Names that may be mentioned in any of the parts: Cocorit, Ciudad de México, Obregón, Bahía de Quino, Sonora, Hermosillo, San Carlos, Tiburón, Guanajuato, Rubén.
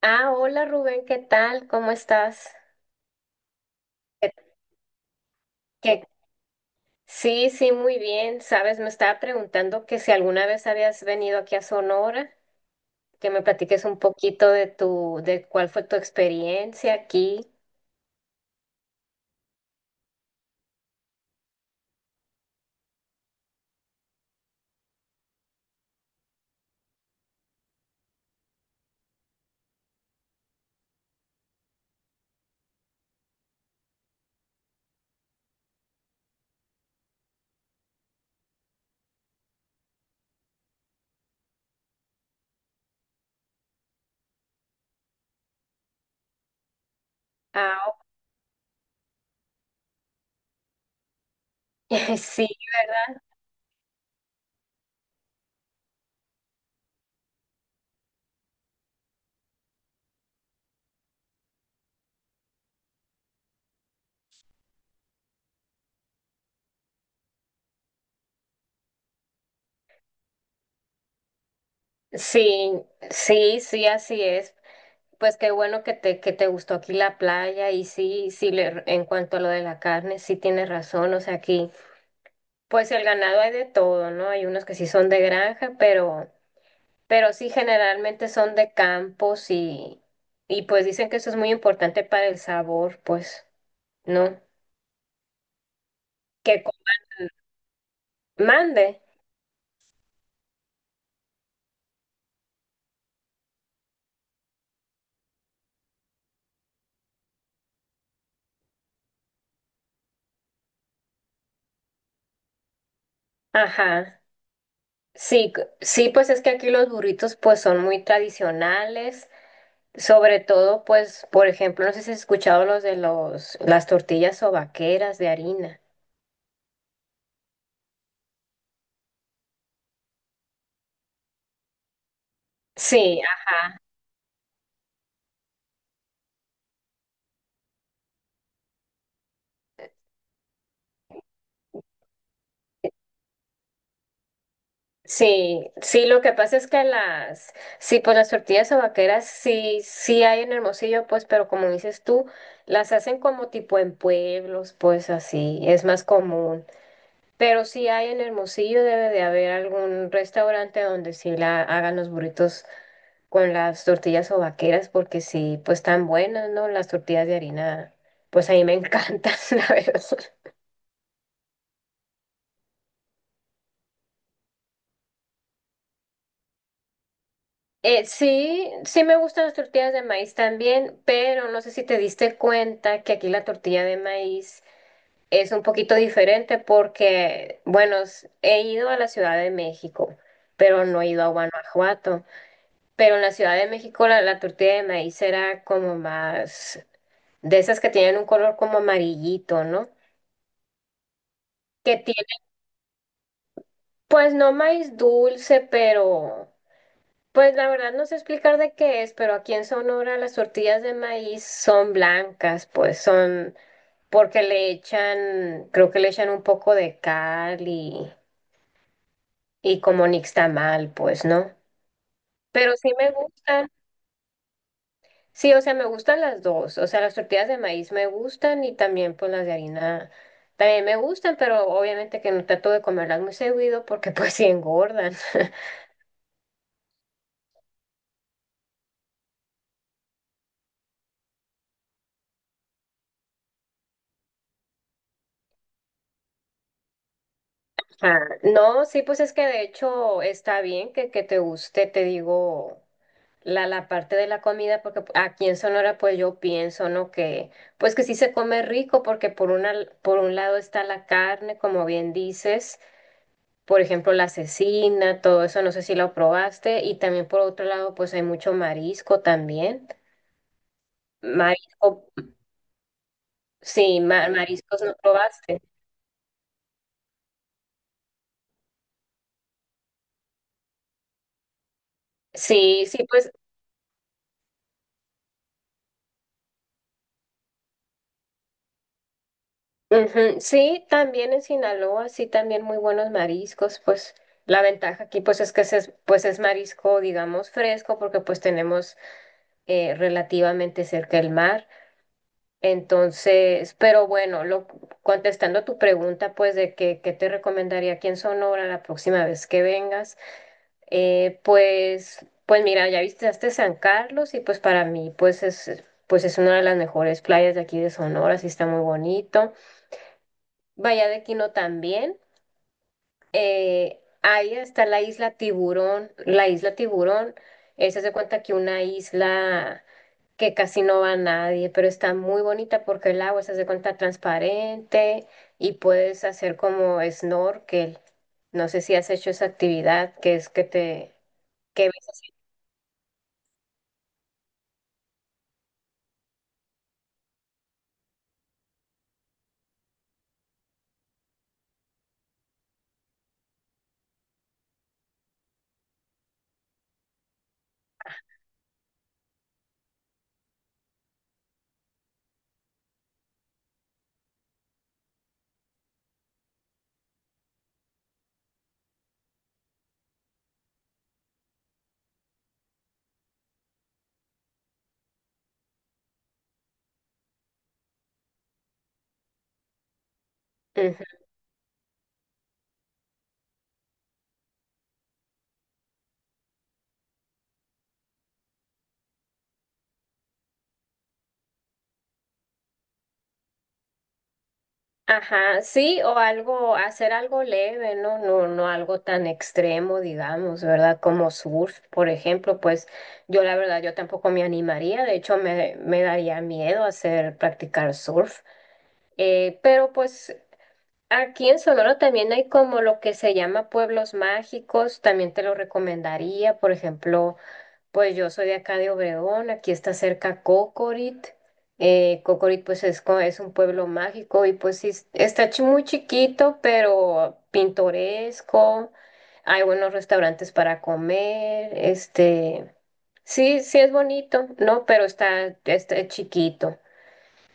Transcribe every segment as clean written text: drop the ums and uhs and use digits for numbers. Ah, hola Rubén, ¿qué tal? ¿Cómo estás? ¿Qué- qué- Sí, sí, muy bien. Sabes, me estaba preguntando que si alguna vez habías venido aquí a Sonora, que me platiques un poquito de cuál fue tu experiencia aquí. Ah, sí, sí, sí, sí, así es. Pues qué bueno que que te gustó aquí la playa y sí, sí, en cuanto a lo de la carne, sí tienes razón, o sea, aquí, pues el ganado hay de todo, ¿no? Hay unos que sí son de granja, pero... Pero sí, generalmente son de campos y pues dicen que eso es muy importante para el sabor, pues, ¿no? Que co- Mande. Ajá. Sí, sí, pues es que aquí los burritos pues son muy tradicionales, sobre todo pues, por ejemplo, no sé si has escuchado los de las tortillas sobaqueras de harina. Sí. Sí, sí, lo que pasa es que sí, pues las tortillas vaqueras sí, sí hay en Hermosillo, pues, pero como dices tú, las hacen como tipo en pueblos, pues así, es más común. Pero sí hay en Hermosillo, debe de haber algún restaurante donde sí la hagan los burritos con las tortillas vaqueras, porque sí, pues están buenas, ¿no? Las tortillas de harina, pues a mí me encantan, la verdad. Sí, sí me gustan las tortillas de maíz también, pero no sé si te diste cuenta que aquí la tortilla de maíz es un poquito diferente porque, bueno, he ido a la Ciudad de México, pero no he ido a Guanajuato. Pero en la Ciudad de México la tortilla de maíz era como más de esas que tienen un color como amarillito, ¿no? Que tiene, pues no maíz dulce, pero... Pues la verdad no sé explicar de qué es, pero aquí en Sonora las tortillas de maíz son blancas, pues son porque le echan, creo que le echan un poco de cal y como nixtamal, pues, ¿no? Pero sí me gustan, sí, o sea, me gustan las dos, o sea, las tortillas de maíz me gustan y también pues las de harina también me gustan, pero obviamente que no trato de comerlas muy seguido porque pues sí engordan. Ah, no, sí, pues es que de hecho está bien que te guste, te digo, la parte de la comida, porque aquí en Sonora pues yo pienso, ¿no? Que pues que sí se come rico, porque por un lado está la carne, como bien dices, por ejemplo, la cecina, todo eso, no sé si lo probaste, y también por otro lado pues hay mucho marisco también. Marisco, sí, mariscos no probaste. Sí, sí, pues ujú, sí, también en Sinaloa, sí, también muy buenos mariscos, pues la ventaja aquí pues es que es, pues es marisco, digamos, fresco, porque pues tenemos relativamente cerca el mar. Entonces, pero bueno, contestando tu pregunta, pues de que, qué te recomendaría aquí en Sonora la próxima vez que vengas, pues mira, ya visitaste San Carlos y pues para mí pues es una de las mejores playas de aquí de Sonora, sí está muy bonito. Bahía de Quino también. Ahí está la isla Tiburón. La isla Tiburón, esa se cuenta que una isla que casi no va nadie, pero está muy bonita porque el agua se hace cuenta transparente y puedes hacer como snorkel. No sé si has hecho esa actividad que es que te que ves. Ajá, sí, o algo, hacer algo leve, ¿no? No, no algo tan extremo, digamos, ¿verdad? Como surf, por ejemplo, pues yo la verdad, yo tampoco me animaría, de hecho me, me daría miedo hacer practicar surf. Pero pues aquí en Sonora también hay como lo que se llama pueblos mágicos, también te lo recomendaría, por ejemplo. Pues yo soy de acá de Obregón, aquí está cerca Cocorit. Cocorit pues es un pueblo mágico y pues sí, está muy chiquito, pero pintoresco. Hay buenos restaurantes para comer, este, sí, sí es bonito, ¿no? Pero está, está chiquito.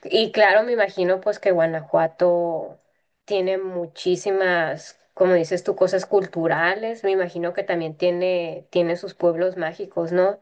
Y claro, me imagino pues que Guanajuato tiene muchísimas, como dices tú, cosas culturales. Me imagino que también tiene sus pueblos mágicos, ¿no?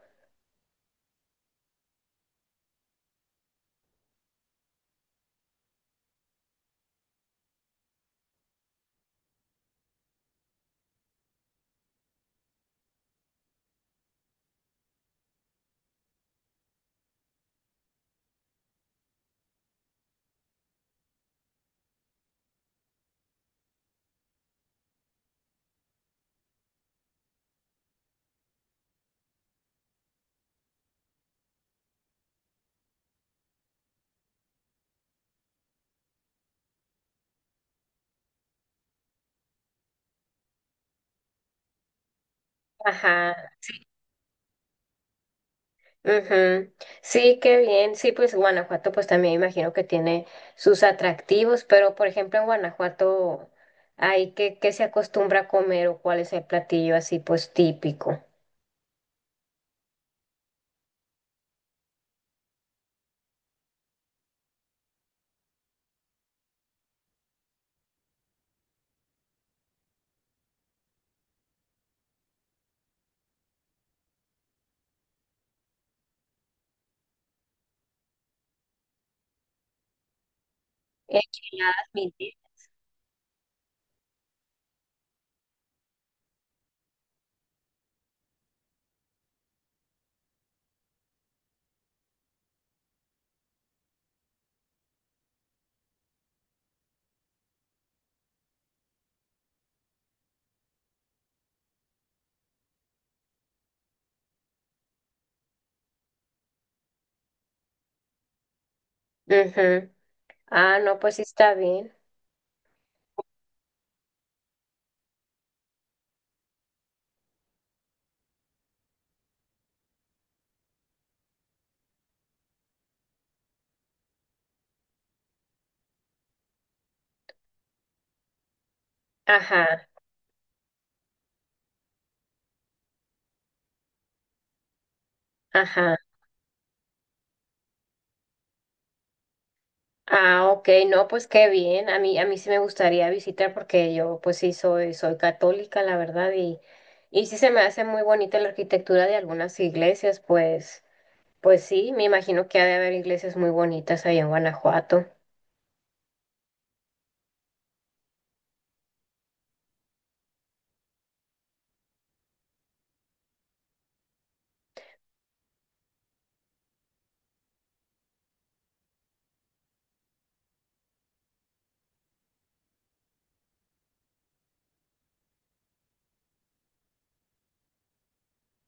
Ajá, ujú. Sí, qué bien. Sí, pues Guanajuato, pues también imagino que tiene sus atractivos, pero por ejemplo en Guanajuato, hay qué se acostumbra a comer o cuál es el platillo así pues típico? Enchiladas, mintis. Ujú. Ah, no, pues sí está bien. Ajá, ajá. Ah, ok, no, pues qué bien. A mí sí me gustaría visitar porque yo, pues sí, soy, soy católica, la verdad, y sí se me hace muy bonita la arquitectura de algunas iglesias, pues. Pues sí, me imagino que ha de haber iglesias muy bonitas ahí en Guanajuato.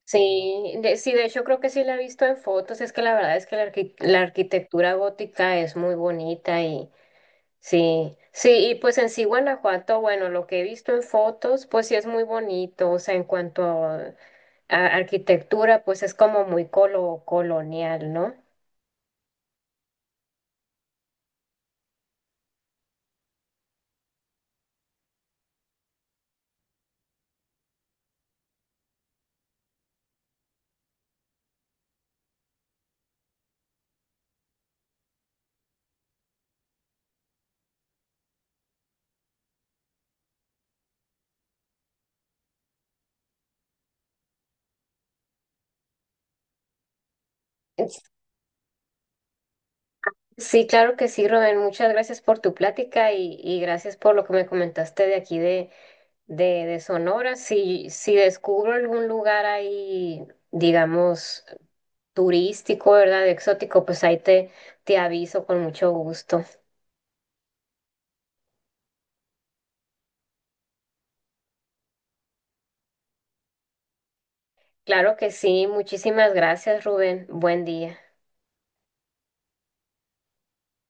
Sí, sí, de hecho creo que sí la he visto en fotos, es que la verdad es que la arquitectura gótica es muy bonita y sí, sí, y pues en sí Guanajuato, bueno, lo que he visto en fotos, pues sí es muy bonito, o sea, en cuanto a arquitectura, pues es como muy colonial, ¿no? Es- Sí, claro que sí, Rubén, muchas gracias por tu plática y gracias por lo que me comentaste de aquí de Sonora. Si, si descubro algún lugar ahí, digamos, turístico, ¿verdad? De exótico, pues ahí te, te aviso con mucho gusto. Claro que sí, muchísimas gracias, Rubén. Buen día.